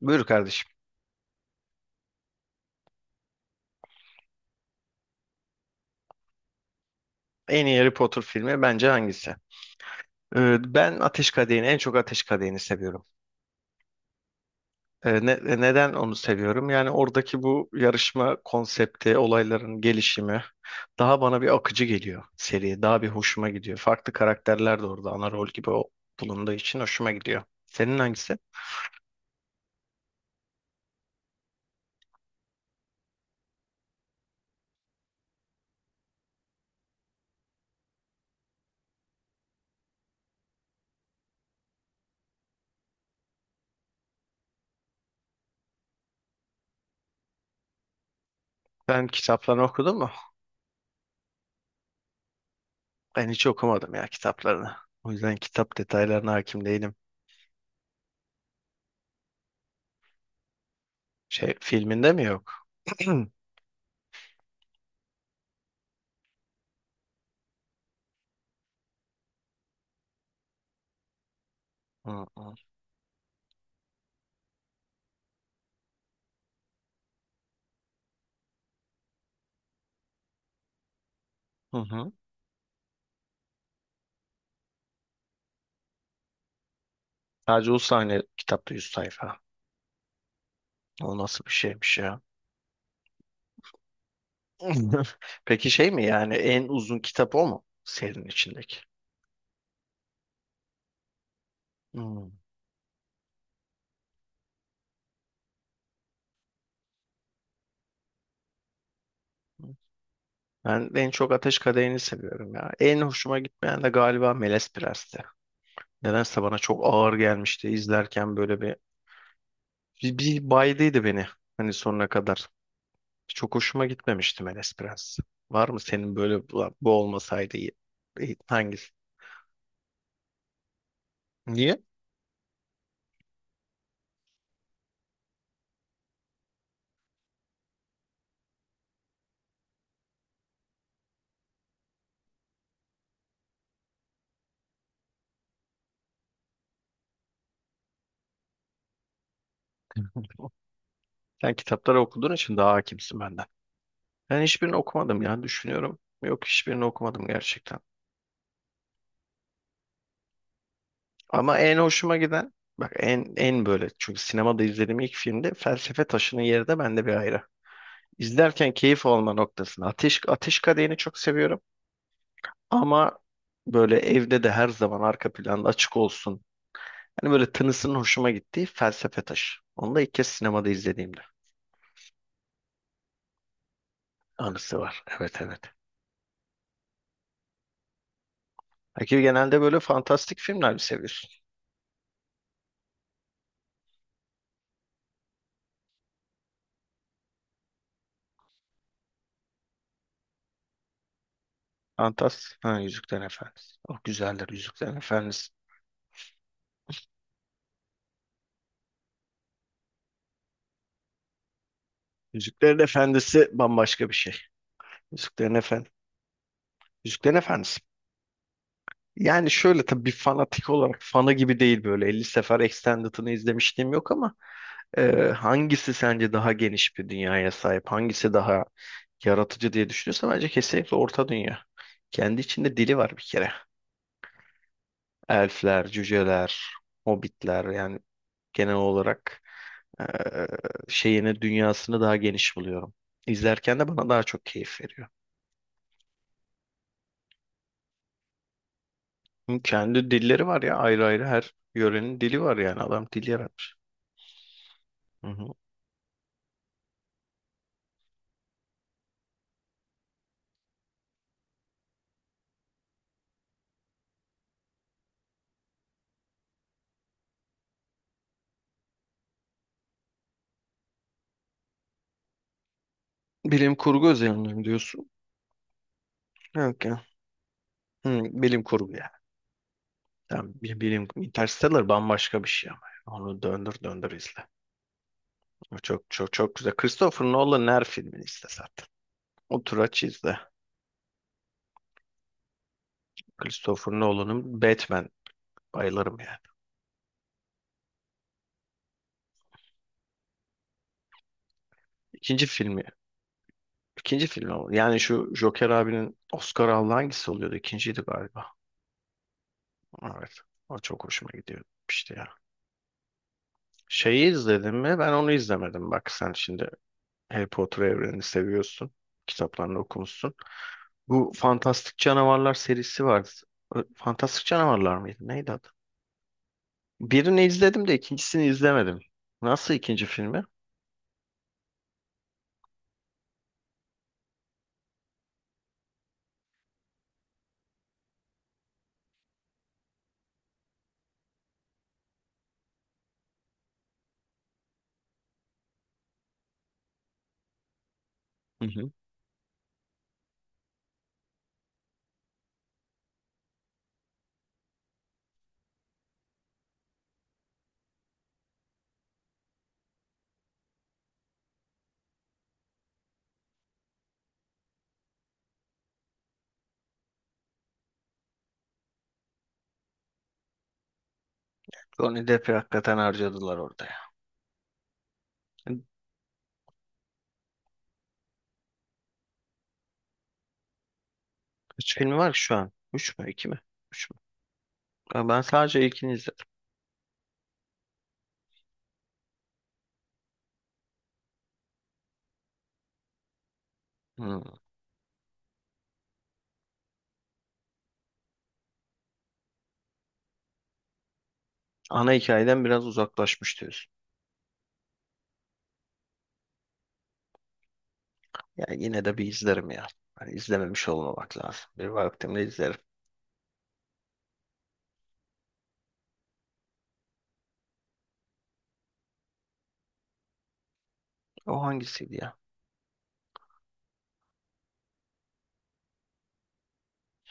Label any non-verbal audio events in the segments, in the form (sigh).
Buyur kardeşim. En iyi Harry Potter filmi bence hangisi? Ben en çok Ateş Kadehi'ni seviyorum. Neden onu seviyorum? Yani oradaki bu yarışma konsepti, olayların gelişimi daha bana bir akıcı geliyor seriye. Daha bir hoşuma gidiyor. Farklı karakterler de orada ana rol gibi bulunduğu için hoşuma gidiyor. Senin hangisi? Sen kitaplarını okudun mu? Ben hiç okumadım ya kitaplarını. O yüzden kitap detaylarına hakim değilim. Filminde mi yok? (clears throat) Hı hı. Hı hı. Sadece o sahne kitapta 100 sayfa. O nasıl bir şeymiş ya? (laughs) Peki şey mi yani en uzun kitap o mu serinin içindeki? Hmm. Ben en çok Ateş Kadehi'ni seviyorum ya. En hoşuma gitmeyen de galiba Melez Prens'ti. Nedense bana çok ağır gelmişti izlerken böyle bir baydıydı beni hani sonuna kadar. Çok hoşuma gitmemişti Melez Prens. Var mı senin böyle "Ulan bu olmasaydı hangisi? Niye? Sen kitapları okuduğun için daha hakimsin benden. Ben hiçbirini okumadım ya düşünüyorum. Yok hiçbirini okumadım gerçekten. Ama en hoşuma giden bak en böyle çünkü sinemada izlediğim ilk filmde Felsefe Taşı'nın yeri de bende bir ayrı. İzlerken keyif alma noktasında Ateş Kadehi'ni çok seviyorum ama böyle evde de her zaman arka planda açık olsun. Hani böyle tınısının hoşuma gittiği Felsefe Taşı. Onu da ilk kez sinemada izlediğimde anısı var. Evet, evet. Peki genelde böyle fantastik filmler mi seviyorsun? Fantastik. Ha, Yüzüklerin Efendisi. Oh, güzeldir Yüzüklerin Efendisi. Yüzüklerin Efendisi bambaşka bir şey. Yüzüklerin Efendisi. Yüzüklerin Efendisi. Yani şöyle tabii bir fanatik olarak fanı gibi değil, böyle 50 sefer Extended'ını izlemişliğim yok ama e, hangisi sence daha geniş bir dünyaya sahip? Hangisi daha yaratıcı diye düşünüyorsan bence kesinlikle Orta Dünya. Kendi içinde dili var bir kere. Elfler, cüceler, hobbitler yani genel olarak e, şeyini dünyasını daha geniş buluyorum. İzlerken de bana daha çok keyif veriyor. Hı, kendi dilleri var ya, ayrı ayrı her yörenin dili var, yani adam dil yaratmış. Hı hı. Bilim kurgu üzerine mi diyorsun? Yok ya. Hı, bilim kurgu ya. Tamam, bilim, Interstellar bambaşka bir şey ama. Yani. Onu döndür döndür izle. O çok çok çok güzel. Christopher Nolan'ın her filmini izle zaten. Otur, aç, izle. Christopher Nolan'ın Batman, bayılırım yani. İkinci filmi. İkinci filmi o. Yani şu Joker abinin Oscar aldığı hangisi oluyordu? İkinciydi galiba. Evet. O çok hoşuma gidiyor işte ya. Şeyi izledin mi? Ben onu izlemedim. Bak sen şimdi Harry Potter evrenini seviyorsun. Kitaplarını okumuşsun. Bu Fantastik Canavarlar serisi vardı. Fantastik Canavarlar mıydı? Neydi. Birini izledim de ikincisini izlemedim. Nasıl ikinci filmi? Hı hı. Johnny Depp'i hakikaten harcadılar orada ya. Üç filmi var ki şu an. Üç mü? İki mi? Üç mü? Ya ben sadece ilkini izledim. Hı. Ana hikayeden biraz uzaklaşmış diyorsun. Yani yine de bir izlerim ya. Hani izlememiş olmamak lazım. Bir vaktimde izlerim. O hangisiydi ya?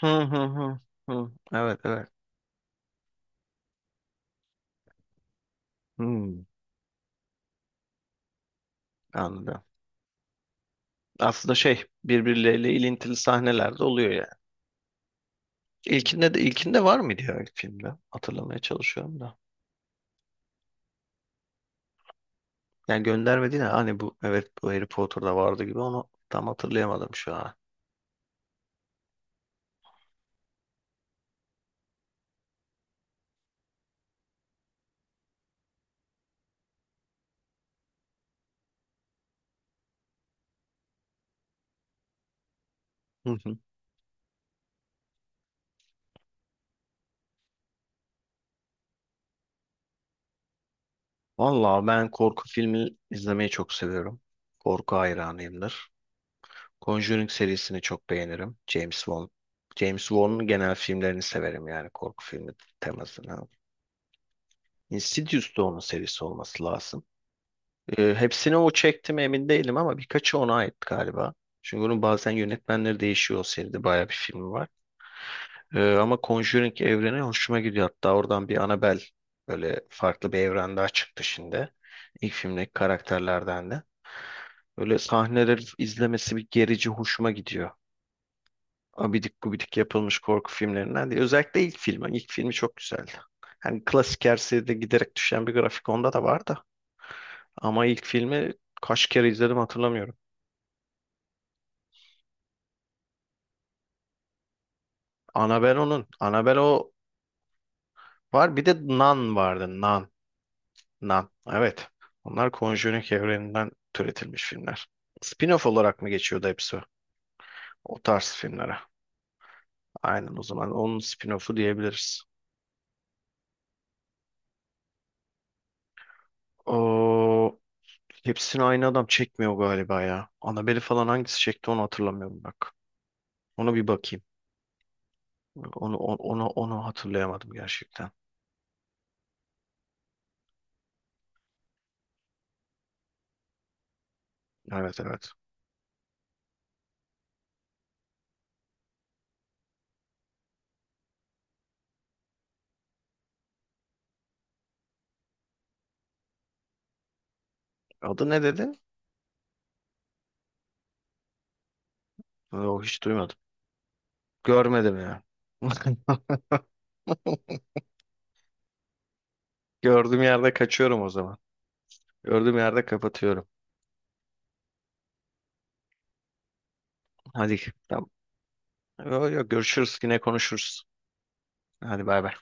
Hı hı hı. Hı. Evet, evet. Hı, anladım. Aslında şey, birbirleriyle ilintili sahneler de oluyor yani. İlkinde var mıydı ya ilk filmde? Hatırlamaya çalışıyorum da. Yani gönderme değil de hani bu, evet, bu Harry Potter'da vardı gibi, onu tam hatırlayamadım şu an. Hı hı. Vallahi ben korku filmi izlemeyi çok seviyorum. Korku hayranıyımdır. Conjuring serisini çok beğenirim. James Wan. James Wan'ın genel filmlerini severim yani korku filmi temasını. Insidious da onun serisi olması lazım. Hepsini o çekti mi emin değilim ama birkaçı ona ait galiba. Çünkü onun bazen yönetmenleri değişiyor, o seride bayağı bir filmi var. Ama Conjuring evreni hoşuma gidiyor. Hatta oradan bir Annabelle, böyle farklı bir evren daha çıktı şimdi. İlk filmdeki karakterlerden de. Böyle sahneleri izlemesi bir gerici hoşuma gidiyor. Abidik gubidik yapılmış korku filmlerinden değil. Özellikle ilk filmi. İlk filmi çok güzeldi. Hani klasik her seride giderek düşen bir grafik, onda da var da. Ama ilk filmi kaç kere izledim hatırlamıyorum. Annabelle onun. Annabelle o var. Bir de Nun vardı. Nun. Nun. Evet. Onlar Conjuring evreninden türetilmiş filmler. Spin-off olarak mı geçiyordu hepsi? O tarz filmlere. Aynen, o zaman onun spin-off'u diyebiliriz. O hepsini aynı adam çekmiyor galiba ya. Annabelle falan hangisi çekti onu hatırlamıyorum bak. Ona bir bakayım. Onu hatırlayamadım gerçekten. Evet, evet. Adı ne dedi? O hiç duymadım. Görmedim ya. (laughs) Gördüğüm yerde kaçıyorum o zaman. Gördüğüm yerde kapatıyorum. Hadi. Tamam. Yok, yok, görüşürüz, yine konuşuruz. Hadi bay bay.